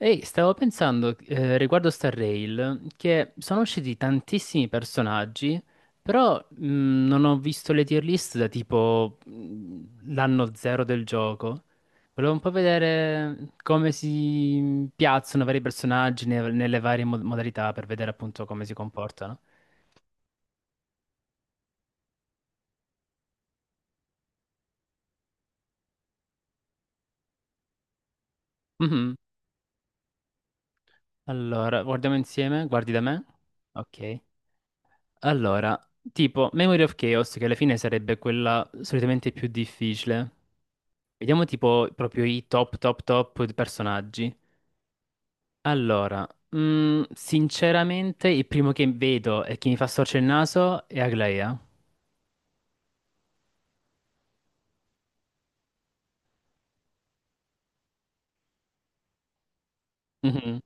Ehi, stavo pensando riguardo Star Rail che sono usciti tantissimi personaggi, però non ho visto le tier list da tipo l'anno zero del gioco. Volevo un po' vedere come si piazzano i vari personaggi nelle varie modalità per vedere appunto come si comportano. Mhm. Allora, guardiamo insieme, guardi da me. Ok. Allora, tipo Memory of Chaos, che alla fine sarebbe quella solitamente più difficile. Vediamo tipo proprio i top top top personaggi. Allora, sinceramente il primo che vedo e che mi fa storcere il naso è Aglaea. Mhm,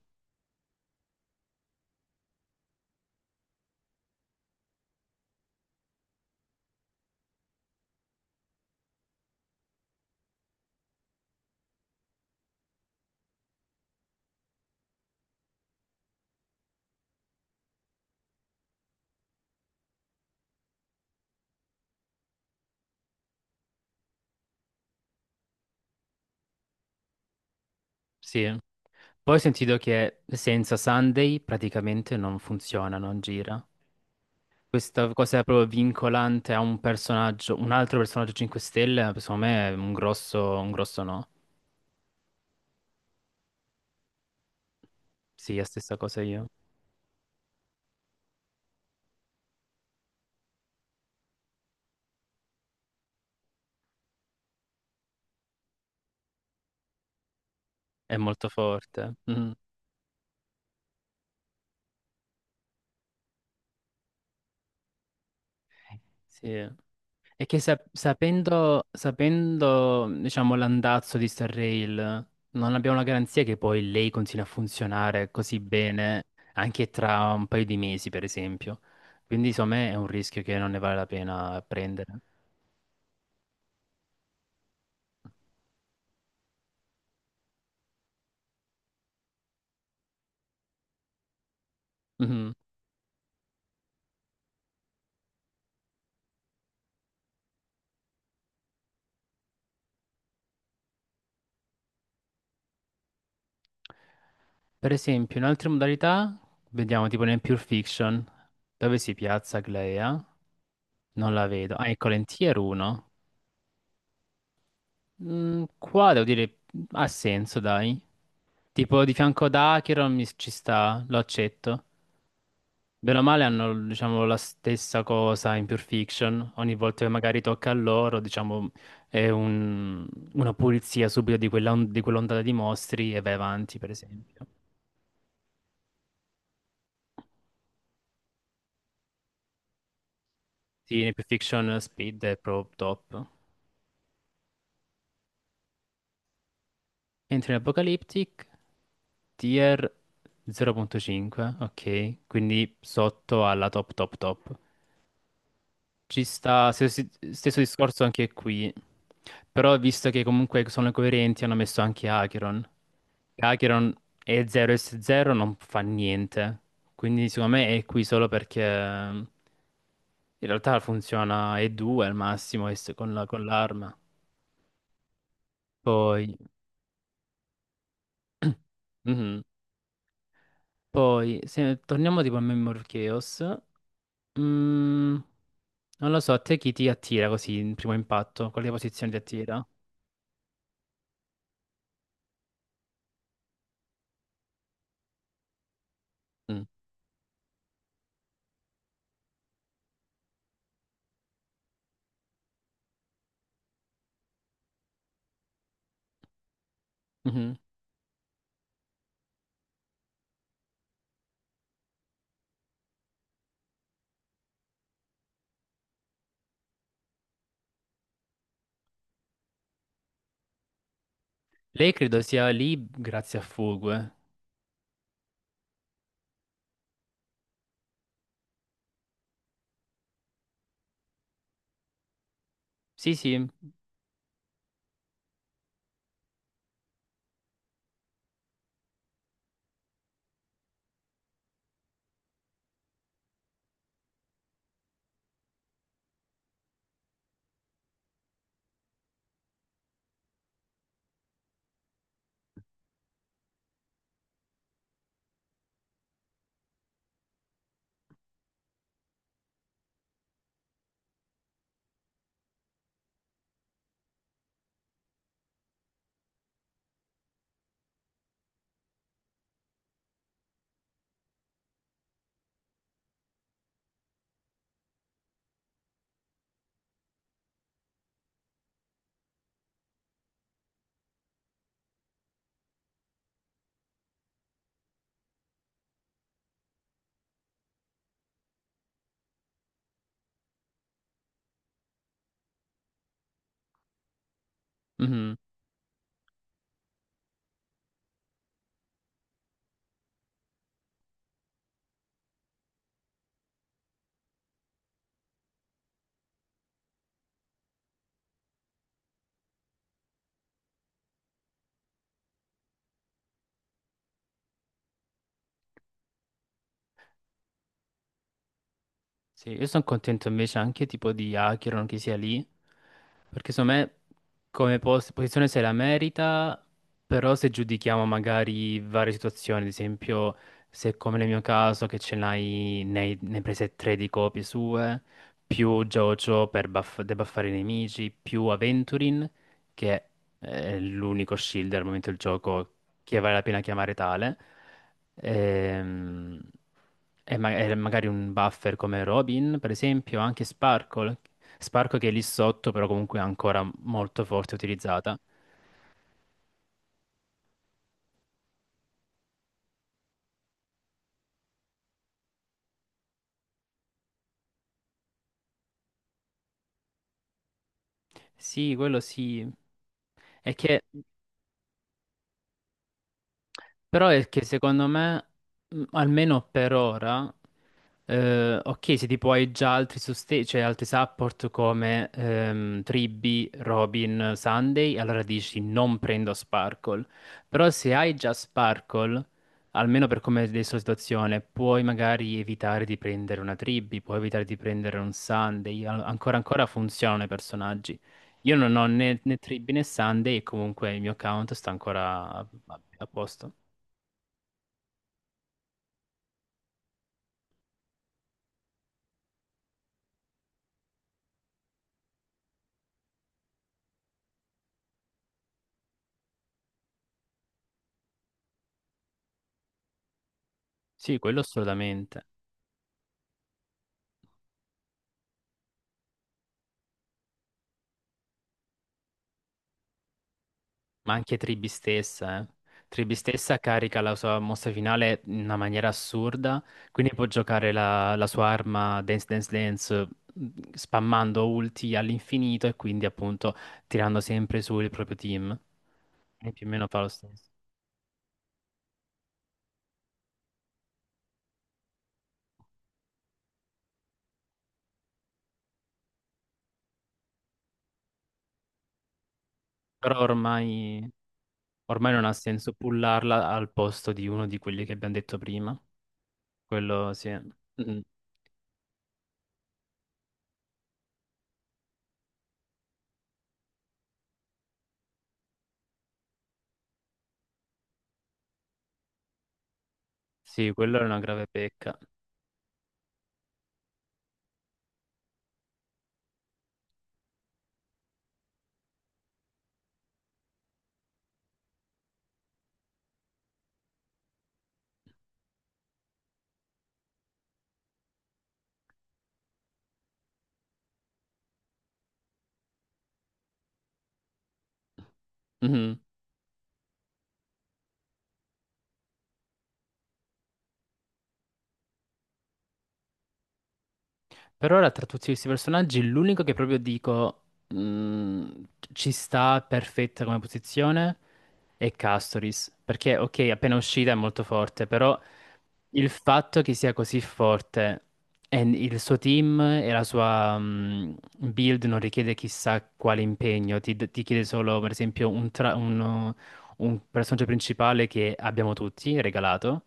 sì. Poi ho sentito che senza Sunday praticamente non funziona, non gira. Questa cosa è proprio vincolante a un personaggio, un altro personaggio 5 stelle, secondo me è un grosso no. Sì, la stessa cosa io. È molto forte. Mhm, sì. È che sapendo, diciamo, l'andazzo di Star Rail, non abbiamo la garanzia che poi lei continui a funzionare così bene anche tra un paio di mesi, per esempio. Quindi, insomma, è un rischio che non ne vale la pena prendere. Mhm. Per esempio, in altre modalità, vediamo tipo nel Pure Fiction, dove si piazza Glea? Non la vedo. Ah, ecco, Lentier 1. Qua devo dire ha senso, dai. Tipo di fianco ad Acheron ci sta, lo accetto. Bene o male hanno, diciamo, la stessa cosa in Pure Fiction. Ogni volta che magari tocca a loro, diciamo, è un- una pulizia subito di di quell'ondata di mostri e vai avanti, per esempio. Sì, in Pure Fiction Speed è proprio top. Entri in Apocalyptic, tier 0,5, ok? Quindi sotto alla top top top. Ci sta, stesso discorso anche qui. Però visto che comunque sono coerenti, hanno messo anche Acheron. Acheron è 0S0, non fa niente. Quindi secondo me è qui solo perché in realtà funziona E2 al massimo e con l'arma. Poi, mhm. Poi se torniamo tipo a Memory of Chaos. mm, Non lo so, a te chi ti attira così in primo impatto? Quale posizione ti attira? Mm. Lei credo sia lì grazie a Fugue. Sì, sì. Mhm. Sì, io sono contento invece anche tipo di Acheron che sia lì, perché secondo me come posizione se la merita, però se giudichiamo magari varie situazioni, ad esempio se come nel mio caso che ce ne hai prese tre di copie sue, più Jojo per debuffare i nemici, più Aventurin che è l'unico shield al momento del gioco che vale la pena chiamare tale, ehm, e, e magari un buffer come Robin, per esempio, anche Sparkle, Sparkle che è lì sotto, però comunque è ancora molto forte utilizzata. Sì, quello sì. È che Però è che secondo me, almeno per ora, ok, se tipo hai già altri sostegni, cioè altri support come Tribby, Robin, Sunday, allora dici non prendo Sparkle. Però se hai già Sparkle, almeno per come è adesso la situazione, puoi magari evitare di prendere una Tribby, puoi evitare di prendere un Sunday, ancora ancora funzionano i personaggi. Io non ho né Tribby né Sunday e comunque il mio account sta ancora a posto. Sì, quello assolutamente, ma anche Tribi stessa, eh. Tribi stessa carica la sua mossa finale in una maniera assurda, quindi può giocare la sua arma Dance Dance Dance spammando ulti all'infinito e quindi appunto tirando sempre su il proprio team. E più o meno fa lo stesso. Però ormai non ha senso pullarla al posto di uno di quelli che abbiamo detto prima. Quello sì. Mm. Sì, quello è una grave pecca. Mhm. Per ora, tra tutti questi personaggi, l'unico che proprio dico mh, ci sta perfetta come posizione è Castoris. Perché, ok, appena uscita è molto forte, però il fatto che sia così forte e il suo team e la sua build non richiede chissà quale impegno, ti chiede solo, per esempio, un, tra- un personaggio principale che abbiamo tutti regalato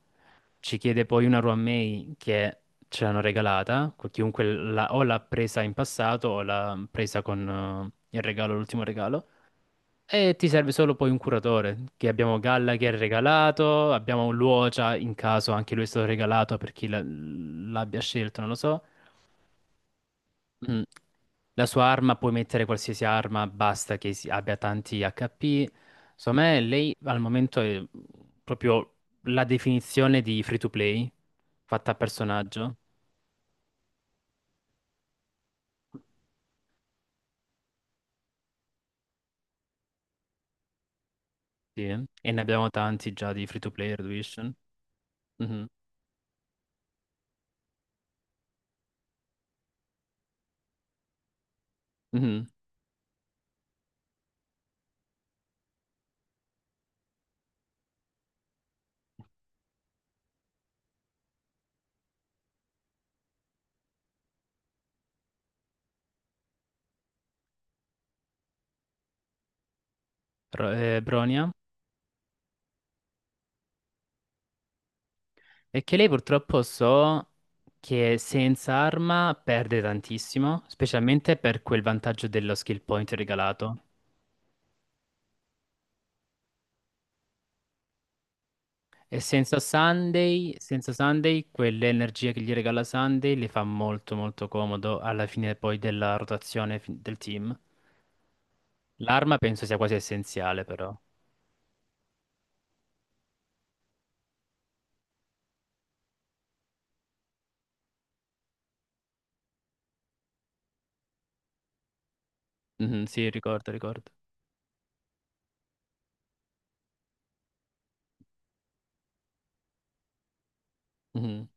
ci chiede poi una May che ce l'hanno regalata, chiunque o l'ha presa in passato o l'ha presa con il regalo, l'ultimo regalo. E ti serve solo poi un curatore, che abbiamo Galla che è regalato, abbiamo Luocia in caso anche lui è stato regalato per chi l'abbia scelto, non lo so. Mm. La sua arma puoi mettere qualsiasi arma, basta che abbia tanti HP. Secondo me lei al momento è proprio la definizione di free to play fatta a personaggio. Sì, e ne abbiamo tanti già di free to play Reduition. Mhm, mhm. Bronia. E che lei purtroppo so che senza arma perde tantissimo, specialmente per quel vantaggio dello skill point regalato. E senza Sunday, senza Sunday, quell'energia che gli regala Sunday le fa molto molto comodo alla fine poi della rotazione del team. L'arma penso sia quasi essenziale però. Mhm, sì, ricordo, ricordo. Mhm,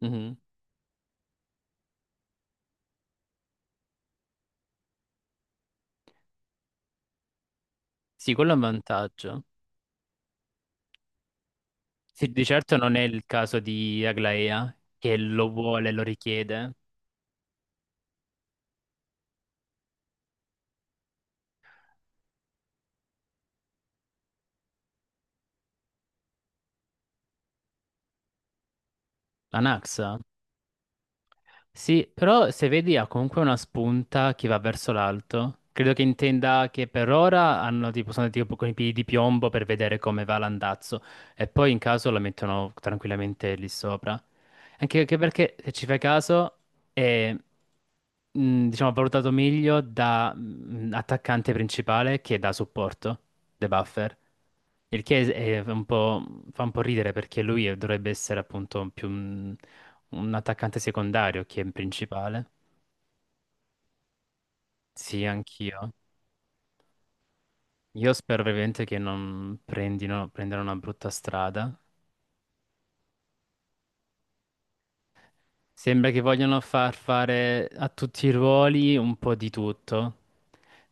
mhm. Sì, quello è un vantaggio. Sì, di certo non è il caso di Aglaea che lo vuole, lo richiede. Anaxa? Sì, però se vedi ha comunque una spunta che va verso l'alto. Credo che intenda che per ora hanno tipo, sono tipo con i piedi di piombo per vedere come va l'andazzo e poi in caso la mettono tranquillamente lì sopra. Anche perché se ci fai caso e, diciamo, valutato meglio da attaccante principale che da supporto, De Buffer. Il che è un po', fa un po' ridere perché lui dovrebbe essere appunto più un attaccante secondario che un principale. Sì, anch'io. Io spero veramente che non prendano una brutta strada. Sembra che vogliono far fare a tutti i ruoli un po' di tutto.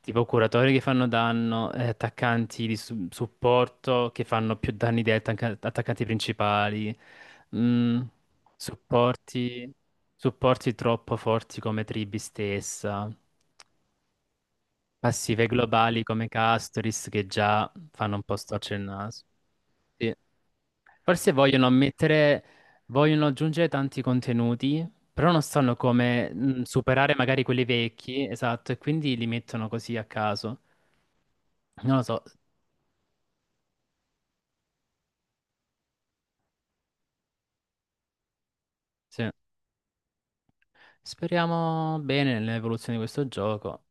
Tipo curatori che fanno danno, attaccanti di supporto che fanno più danni degli attaccanti principali, mm, supporti, supporti troppo forti come Tribi stessa, passive globali come Castoris che già fanno un po' storcere il naso. Sì. Forse vogliono aggiungere tanti contenuti, però non sanno come superare magari quelli vecchi, esatto, e quindi li mettono così a caso. Non lo so, sì. Speriamo bene nell'evoluzione di questo gioco.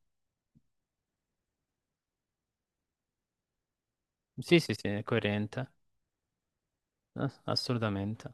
Sì, sì, sì, è coerente, assolutamente.